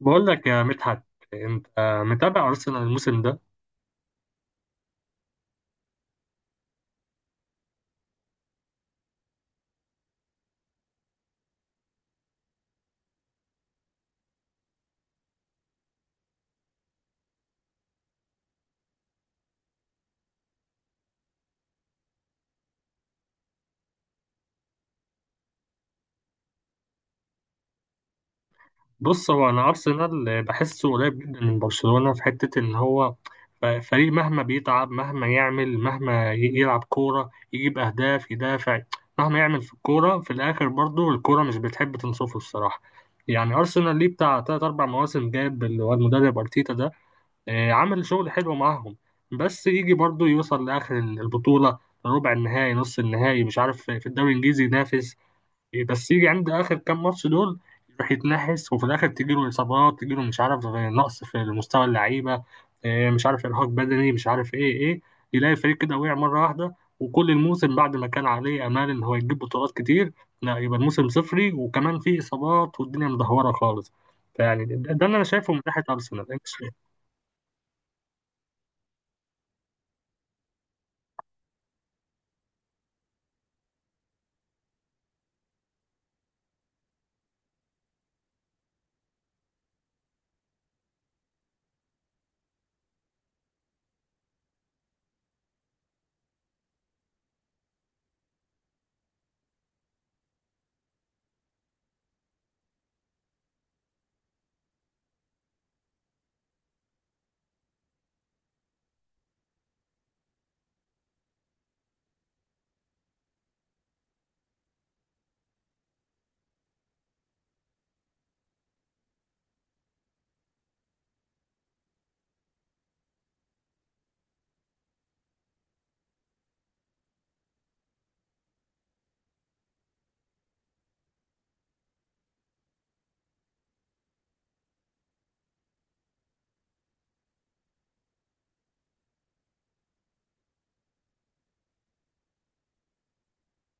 بقول لك يا مدحت، انت متابع ارسنال الموسم ده؟ بص، هو انا ارسنال بحسه قريب جدا من برشلونة في حتة ان هو فريق مهما بيتعب، مهما يعمل، يلعب كورة، يجيب اهداف، يدافع، مهما يعمل في الكورة، في الاخر برضو الكورة مش بتحب تنصفه الصراحة. يعني ارسنال ليه بتاع تلات اربع مواسم جاب اللي هو المدرب ارتيتا ده. عمل شغل حلو معاهم، بس يجي برضو يوصل لاخر البطولة، ربع النهائي، نص النهائي، مش عارف، في الدوري الانجليزي ينافس. بس يجي عند اخر كام ماتش دول، يروح يتنحس، وفي الاخر تجيله اصابات، تجيله مش عارف، نقص في مستوى اللعيبه، مش عارف ارهاق بدني، مش عارف ايه، يلاقي الفريق كده وقع مره واحده، وكل الموسم بعد ما كان عليه امال ان هو يجيب بطولات كتير، لا يبقى الموسم صفري، وكمان فيه اصابات والدنيا مدهوره خالص. فيعني ده اللي انا شايفه من ناحيه ارسنال. أنت شايف-؟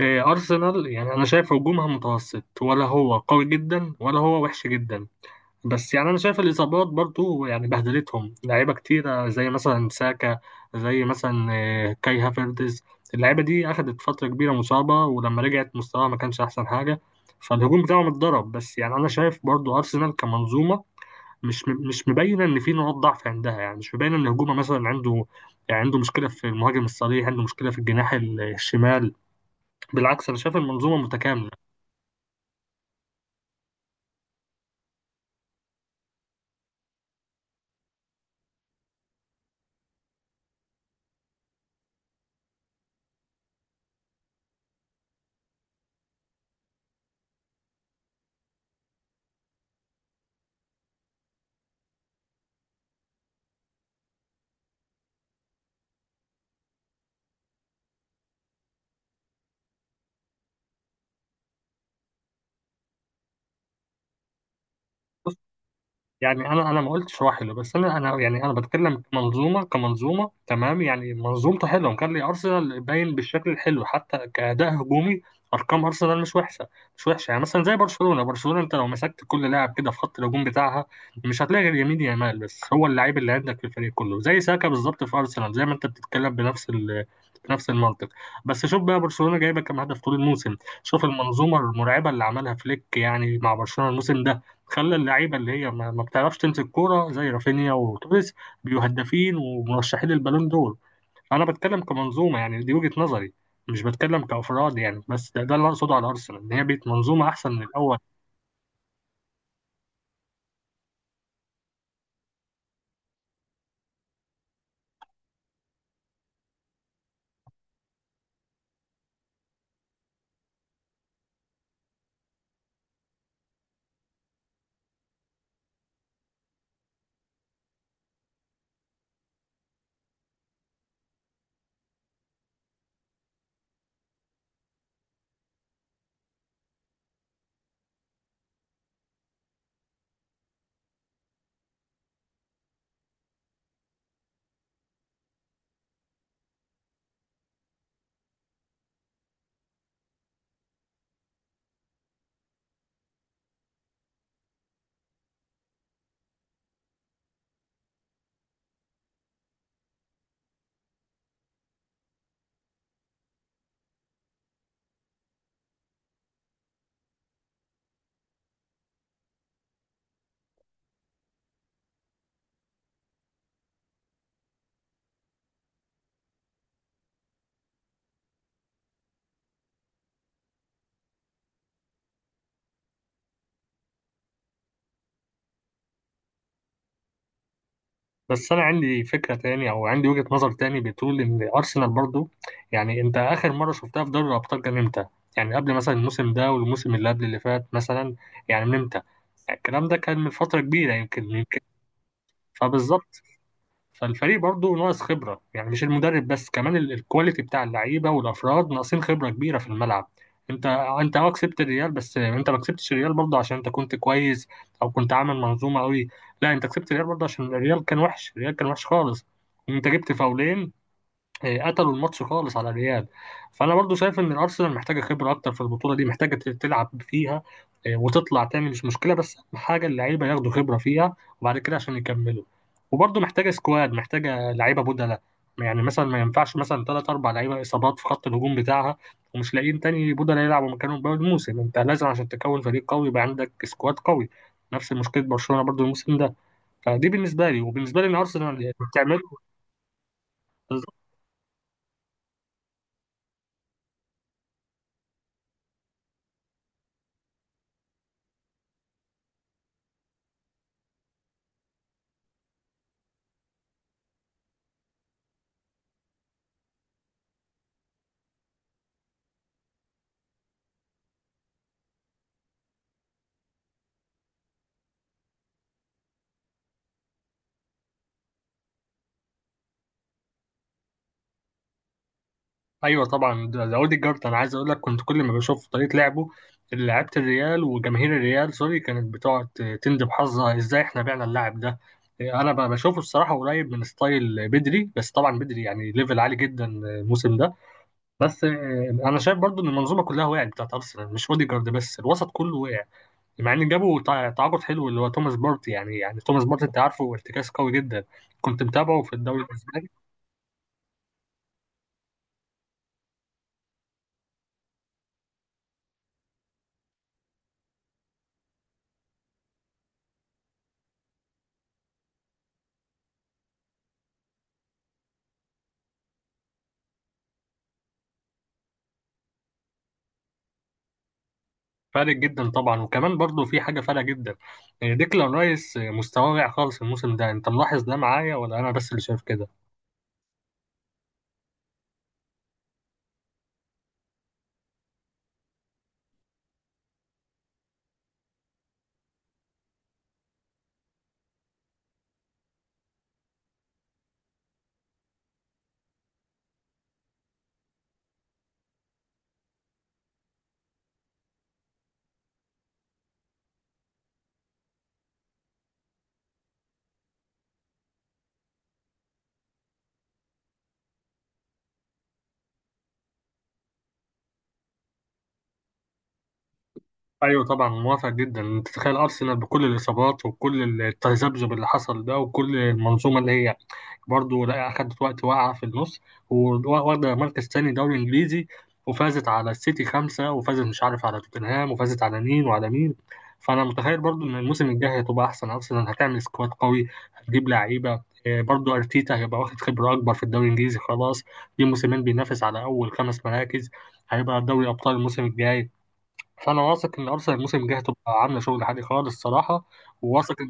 ارسنال يعني انا شايف هجومها متوسط، ولا هو قوي جدا ولا هو وحش جدا، بس يعني انا شايف الاصابات برضو يعني بهدلتهم، لعيبه كتيره زي مثلا ساكا، زي مثلا كاي هافرتز، اللعيبه دي اخدت فتره كبيره مصابه، ولما رجعت مستواها ما كانش احسن حاجه، فالهجوم بتاعهم اتضرب. بس يعني انا شايف برضو ارسنال كمنظومه مش مبينه ان في نقاط ضعف عندها، يعني مش مبينه ان هجومها مثلا عنده، يعني عنده مشكله في المهاجم الصريح، عنده مشكله في الجناح الشمال. بالعكس، انا شايف المنظومه متكامله. يعني انا ما قلتش هو حلو، بس انا يعني انا بتكلم كمنظومه، كمنظومه. تمام؟ يعني منظومته حلوه، كان لي ارسنال باين بالشكل الحلو حتى كاداء هجومي. ارقام ارسنال مش وحشه، مش وحشه. يعني مثلا زي برشلونه، برشلونه انت لو مسكت كل لاعب كده في خط الهجوم بتاعها مش هتلاقي غير يمين يامال، بس هو اللعيب اللي عندك في الفريق كله زي ساكا بالظبط في ارسنال، زي ما انت بتتكلم بنفس بنفس المنطق. بس شوف بقى برشلونه جايبه كام هدف طول الموسم. شوف المنظومه المرعبه اللي عملها فليك يعني مع برشلونه الموسم ده، خلى اللعيبه اللي هي ما بتعرفش تمسك كوره زي رافينيا وتوريس بيبقوا هدافين ومرشحين للبالون دول. انا بتكلم كمنظومه يعني، دي وجهه نظري، مش بتكلم كافراد يعني. بس ده اللي اقصده على ارسنال، ان هي بقت منظومه احسن من الاول. بس انا عندي فكره تاني، او عندي وجهه نظر تاني، بتقول ان ارسنال برضو يعني، انت اخر مره شفتها في دوري الابطال كان امتى؟ يعني قبل مثلا الموسم ده والموسم اللي قبل اللي فات مثلا، يعني من امتى؟ الكلام ده كان من فتره كبيره، يمكن. فبالظبط. فالفريق برضه ناقص خبرة، يعني مش المدرب بس، كمان الكواليتي بتاع اللعيبة والأفراد ناقصين خبرة كبيرة في الملعب. انت انت اه كسبت الريال، بس انت ما كسبتش الريال برضه عشان انت كنت كويس او كنت عامل منظومة قوي. لا، انت كسبت الريال برضه عشان الريال كان وحش، الريال كان وحش خالص، انت جبت فاولين، قتلوا الماتش خالص على الريال. فانا برضو شايف ان الارسنال محتاجه خبره اكتر في البطوله دي، محتاجه تلعب فيها، وتطلع تعمل مش مشكله، بس أهم حاجه اللعيبه ياخدوا خبره فيها وبعد كده عشان يكملوا. وبرضو محتاجه سكواد، محتاجه لعيبه بدلة، يعني مثلا ما ينفعش مثلا ثلاث اربع لعيبه اصابات في خط الهجوم بتاعها ومش لاقيين تاني بدلة يلعبوا مكانهم باقي الموسم. انت لازم عشان تكون فريق قوي يبقى عندك سكواد قوي، نفس مشكله برشلونه برضو الموسم ده. فدي بالنسبه لي، وبالنسبه لي ان ارسنال يعني بتعمله. ايوه طبعا، ده اوديجارد، انا عايز اقول لك كنت كل ما بشوف طريقه لعبه، لعيبه الريال وجماهير الريال سوري كانت بتقعد تندب حظها ازاي احنا بعنا اللاعب ده. انا بشوفه الصراحه قريب من ستايل بدري، بس طبعا بدري يعني ليفل عالي جدا الموسم ده. بس انا شايف برضو ان المنظومه كلها وقعت بتاعت ارسنال، مش اوديجارد بس، الوسط كله وقع، مع ان جابوا تعاقد حلو اللي هو توماس بارتي. يعني توماس بارتي انت عارفه ارتكاز قوي جدا، كنت متابعه في الدوري الاسباني. فارق جدا طبعا، وكمان برضو في حاجة فارقة جدا، يعني ديكلان رايس مستواه واقع خالص الموسم ده، انت ملاحظ ده معايا ولا انا بس اللي شايف كده؟ ايوه طبعا، موافق جدا. انت تتخيل ارسنال بكل الاصابات وكل التذبذب اللي حصل ده وكل المنظومة اللي هي برضه لا أخدت وقت واقعة في النص، وواخدة مركز تاني دوري إنجليزي، وفازت على السيتي 5، وفازت مش عارف على توتنهام، وفازت على مين وعلى مين. فأنا متخيل برضه إن الموسم الجاي هتبقى أحسن، أرسنال هتعمل سكواد قوي، هتجيب لعيبة، برضه أرتيتا هيبقى واخد خبرة أكبر في الدوري الإنجليزي. خلاص، دي موسمين بينافس على أول خمس مراكز، هيبقى دوري أبطال الموسم الجاي. فأنا واثق إن أرسنال الموسم الجاي هتبقى عاملة شغل عالي خالص الصراحة، وواثق إن.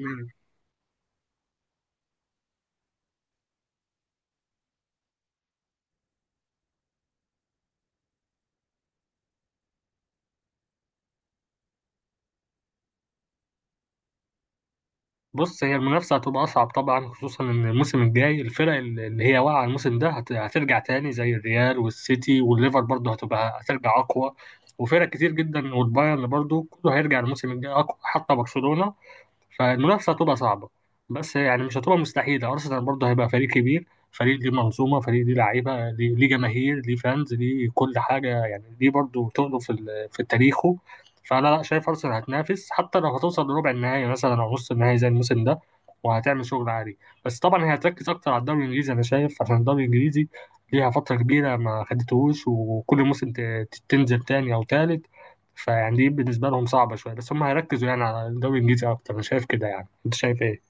بص، هي المنافسة هتبقى أصعب طبعا، خصوصا إن الموسم الجاي الفرق اللي هي واقعة الموسم ده هترجع تاني، زي الريال والسيتي والليفر برضه هتبقى هترجع أقوى، وفرق كتير جدا، والبايرن برضه كله هيرجع الموسم الجاي أقوى، حتى برشلونة. فالمنافسة هتبقى صعبة، بس يعني مش هتبقى مستحيلة، أرسنال برضه هيبقى فريق كبير، فريق ليه منظومة، فريق ليه لعيبة، ليه ليه جماهير، ليه فانز، ليه كل حاجة، يعني ليه برضه تقله في في تاريخه. فأنا لا شايف أرسنال هتنافس، حتى لو هتوصل لربع النهائي مثلا أو نص النهائي زي الموسم ده، وهتعمل شغل عالي. بس طبعا هي هتركز أكتر على الدوري الإنجليزي أنا شايف، عشان الدوري الإنجليزي ليها فترة كبيرة ما خدتهوش، وكل موسم تنزل تاني أو تالت، فيعني دي بالنسبة لهم صعبة شوية، بس هم هيركزوا يعني على الدوري الإنجليزي أكتر، أنا شايف كده يعني. أنت شايف إيه؟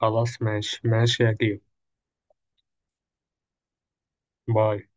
خلاص، ماشي يا كيو. باي.